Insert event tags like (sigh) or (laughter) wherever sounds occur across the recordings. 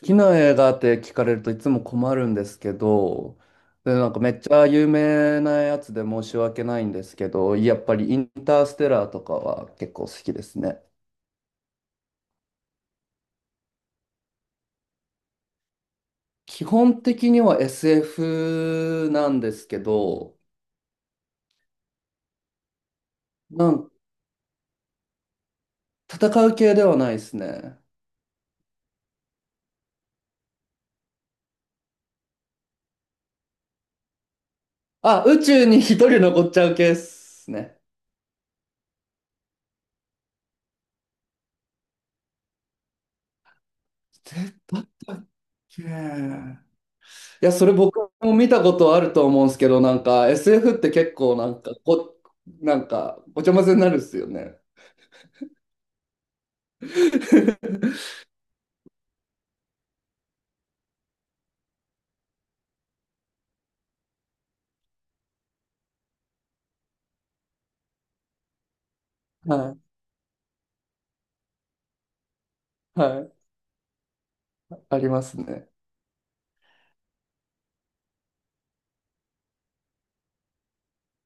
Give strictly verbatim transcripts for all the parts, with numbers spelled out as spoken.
好きな映画って聞かれるといつも困るんですけど、で、なんかめっちゃ有名なやつで申し訳ないんですけど、やっぱりインターステラーとかは結構好きですね。基本的には エスエフ なんですけど、なん戦う系ではないですね。あ、宇宙に一人残っちゃう系ですね。出たっけ？いや、それ僕も見たことあると思うんですけど、なんか エスエフ って結構なんかこ、なんかごちゃ混ぜになるっすよね。(laughs) はい、はい、ありますね。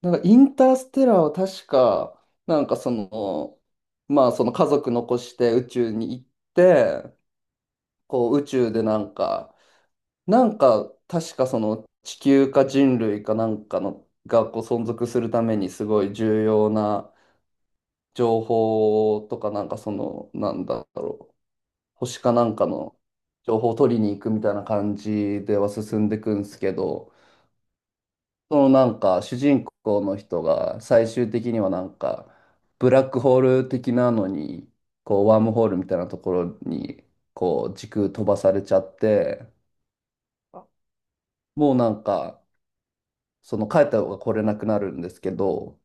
なんかインターステラーは確か、なんかその、まあその家族残して宇宙に行って、こう宇宙でなんか、なんか確かその地球か人類かなんかのがこう存続するためにすごい重要な情報とかなんかその、なんだろう、星かなんかの情報を取りに行くみたいな感じでは進んでいくんですけど、そのなんか主人公の人が最終的にはなんかブラックホール的なのに、こうワームホールみたいなところにこう時空飛ばされちゃって、もうなんかその帰った方が来れなくなるんですけど、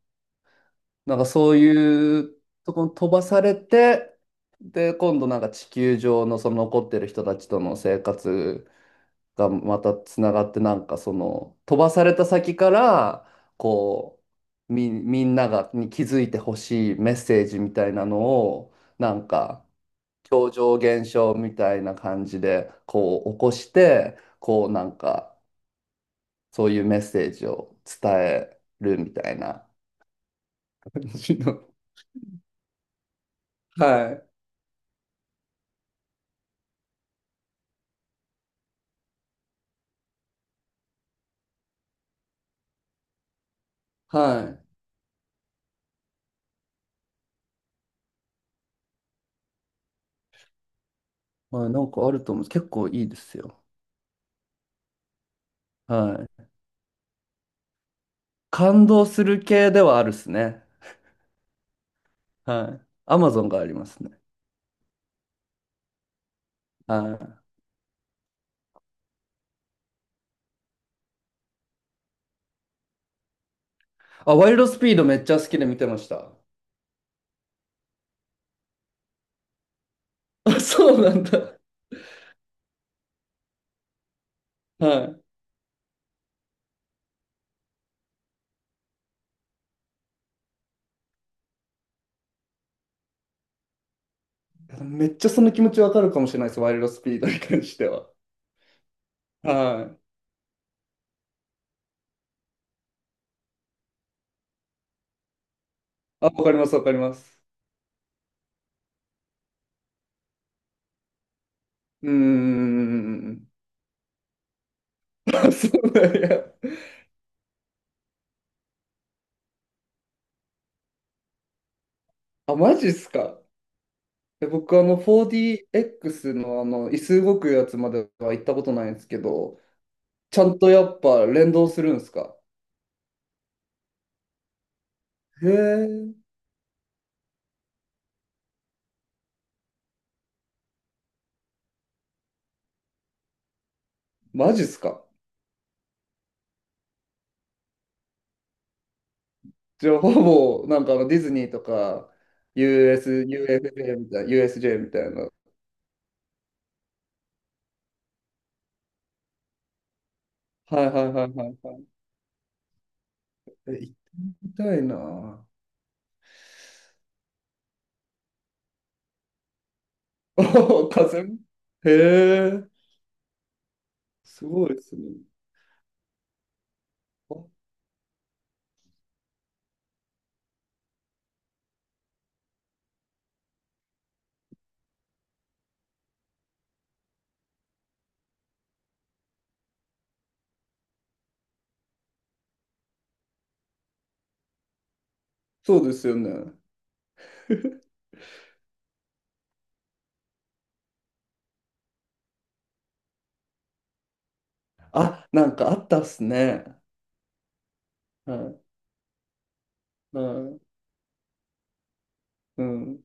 なんかそういうとこに飛ばされて、で、今度なんか地球上のその残ってる人たちとの生活がまたつながって、なんかその飛ばされた先から、こう、み、みんながに気づいてほしいメッセージみたいなのを、なんか、超常現象みたいな感じで、こう起こして、こうなんか、そういうメッセージを伝えるみたいな感じの。(laughs) はい。はい。まあ、なんかあると思うんです。結構いいですよ。はい。感動する系ではあるっすね。はい。アマゾンがありますね。はい。あ、ワイルドスピードめっちゃ好きで見てました。あ、そうなんだ。はい。めっちゃその気持ちわかるかもしれないです。ワイルドスピードに関しては。はい。あ、わかります、わかります。うーん。あ、そうなんや。あ、マジっすか。え僕、あの、フォーディーエックス のあの、椅子動くやつまでは行ったことないんですけど、ちゃんとやっぱ連動するんすか？へえ、マジっすか？じゃあほぼ、なんかあのディズニーとか、US、UFJ みたいな、ユーエスジェー みたいな。はいはいはいはいはい。え、行ってみたいな。(laughs) お風邪。へえ、すごいですね。あ、そうですよね。(laughs) あ、なんかあったっすね。はい、はい、うん。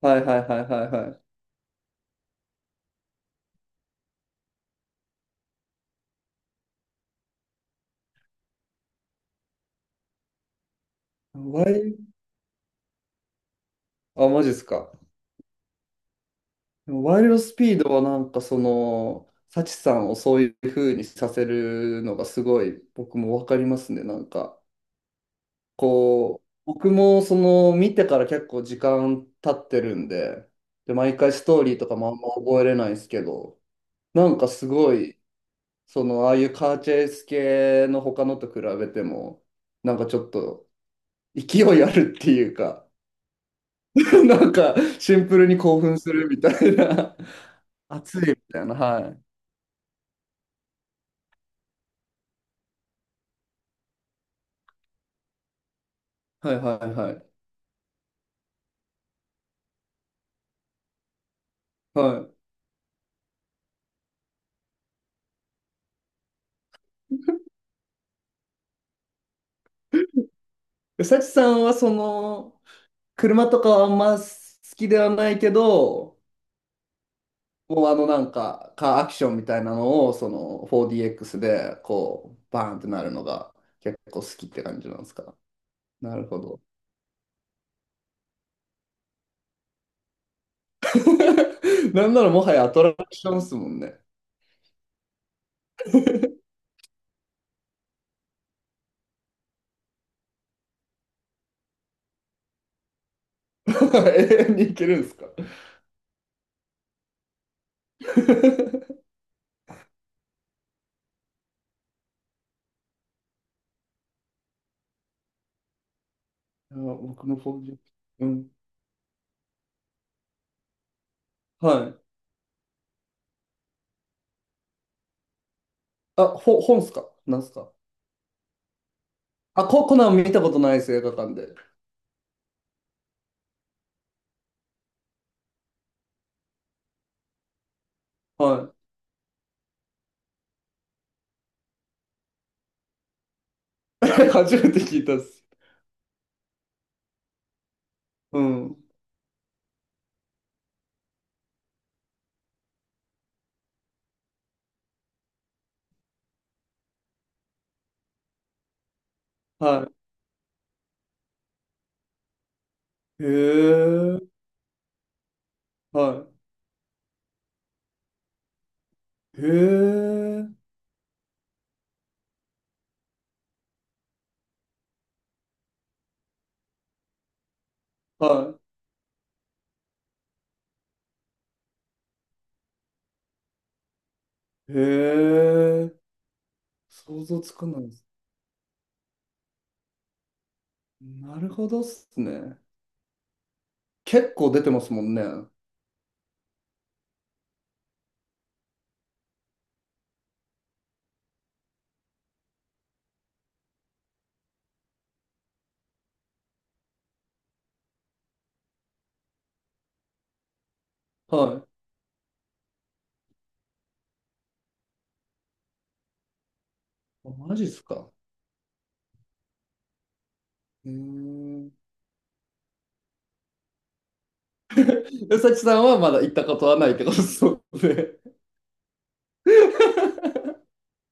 はいはいはいはいはい。ワイ、あ、マジっすか。ワイルドスピードはなんかその、サチさんをそういう風にさせるのがすごい僕もわかりますね。なんか、こう、僕もその見てから結構時間経ってるんで、で、毎回ストーリーとかもあんま覚えれないですけど、なんかすごい、その、ああいうカーチェイス系の他のと比べても、なんかちょっと勢いあるっていうか、(laughs) なんかシンプルに興奮するみたいな、熱いみたいな、はい。はいはいはい。はい。サチさんはその、車とかはあんま好きではないけど、もうあのなんか、カーアクションみたいなのを、その フォーディーエックス で、こう、バーンってなるのが結構好きって感じなんですか？なるほど。(laughs) なんならもはやアトラクションっすもんね。(laughs) 永遠に行けるんですか？ (laughs) いや僕の フォーディーエックス。うん。はい。あ、ほ、本っすかなんすか？あ、コ、コナン見たことないです、映画館で。はい。(laughs) 初めて聞いたっす。うん。はい。へえ。はい。へえ。はい。へえ。想像つかないです。なるほどっすね。結構出てますもんね。はい。あ、マジっすか。へえ。え、さきさんはまだ行ったことはないってこと？そうで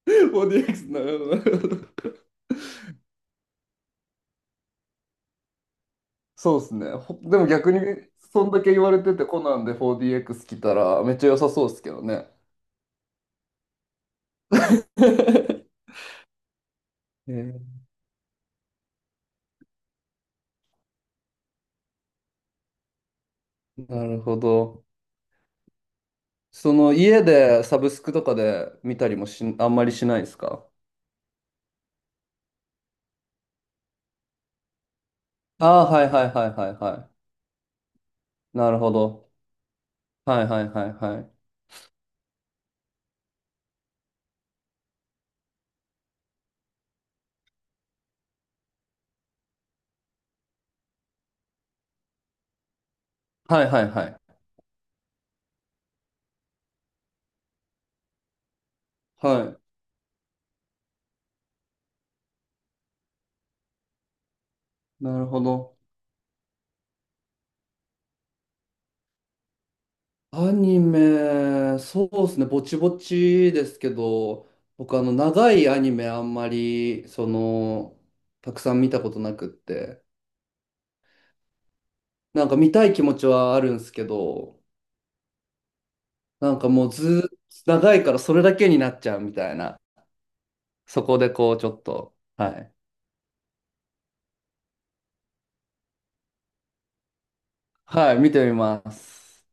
すもんね。(laughs) フォーディーエックス なるほど。なるほど、そうですね。ほでも逆に、そんだけ言われてて、コナンで フォーディーエックス 来たら、めっちゃ良さそうですけどね。(laughs) へえ、なるほど。その家でサブスクとかで見たりもし、あんまりしないですか？ああー、はいはいはいはいはい。なるほど。はいはいはいはい。はいはいはい。はい。なるほど。アニメ、そうですね、ぼちぼちですけど、僕あの長いアニメあんまり、その、たくさん見たことなくって、なんか見たい気持ちはあるんですけど、なんかもうずーっと長いからそれだけになっちゃうみたいな。そこでこう、ちょっと、はい。はい、見てみます。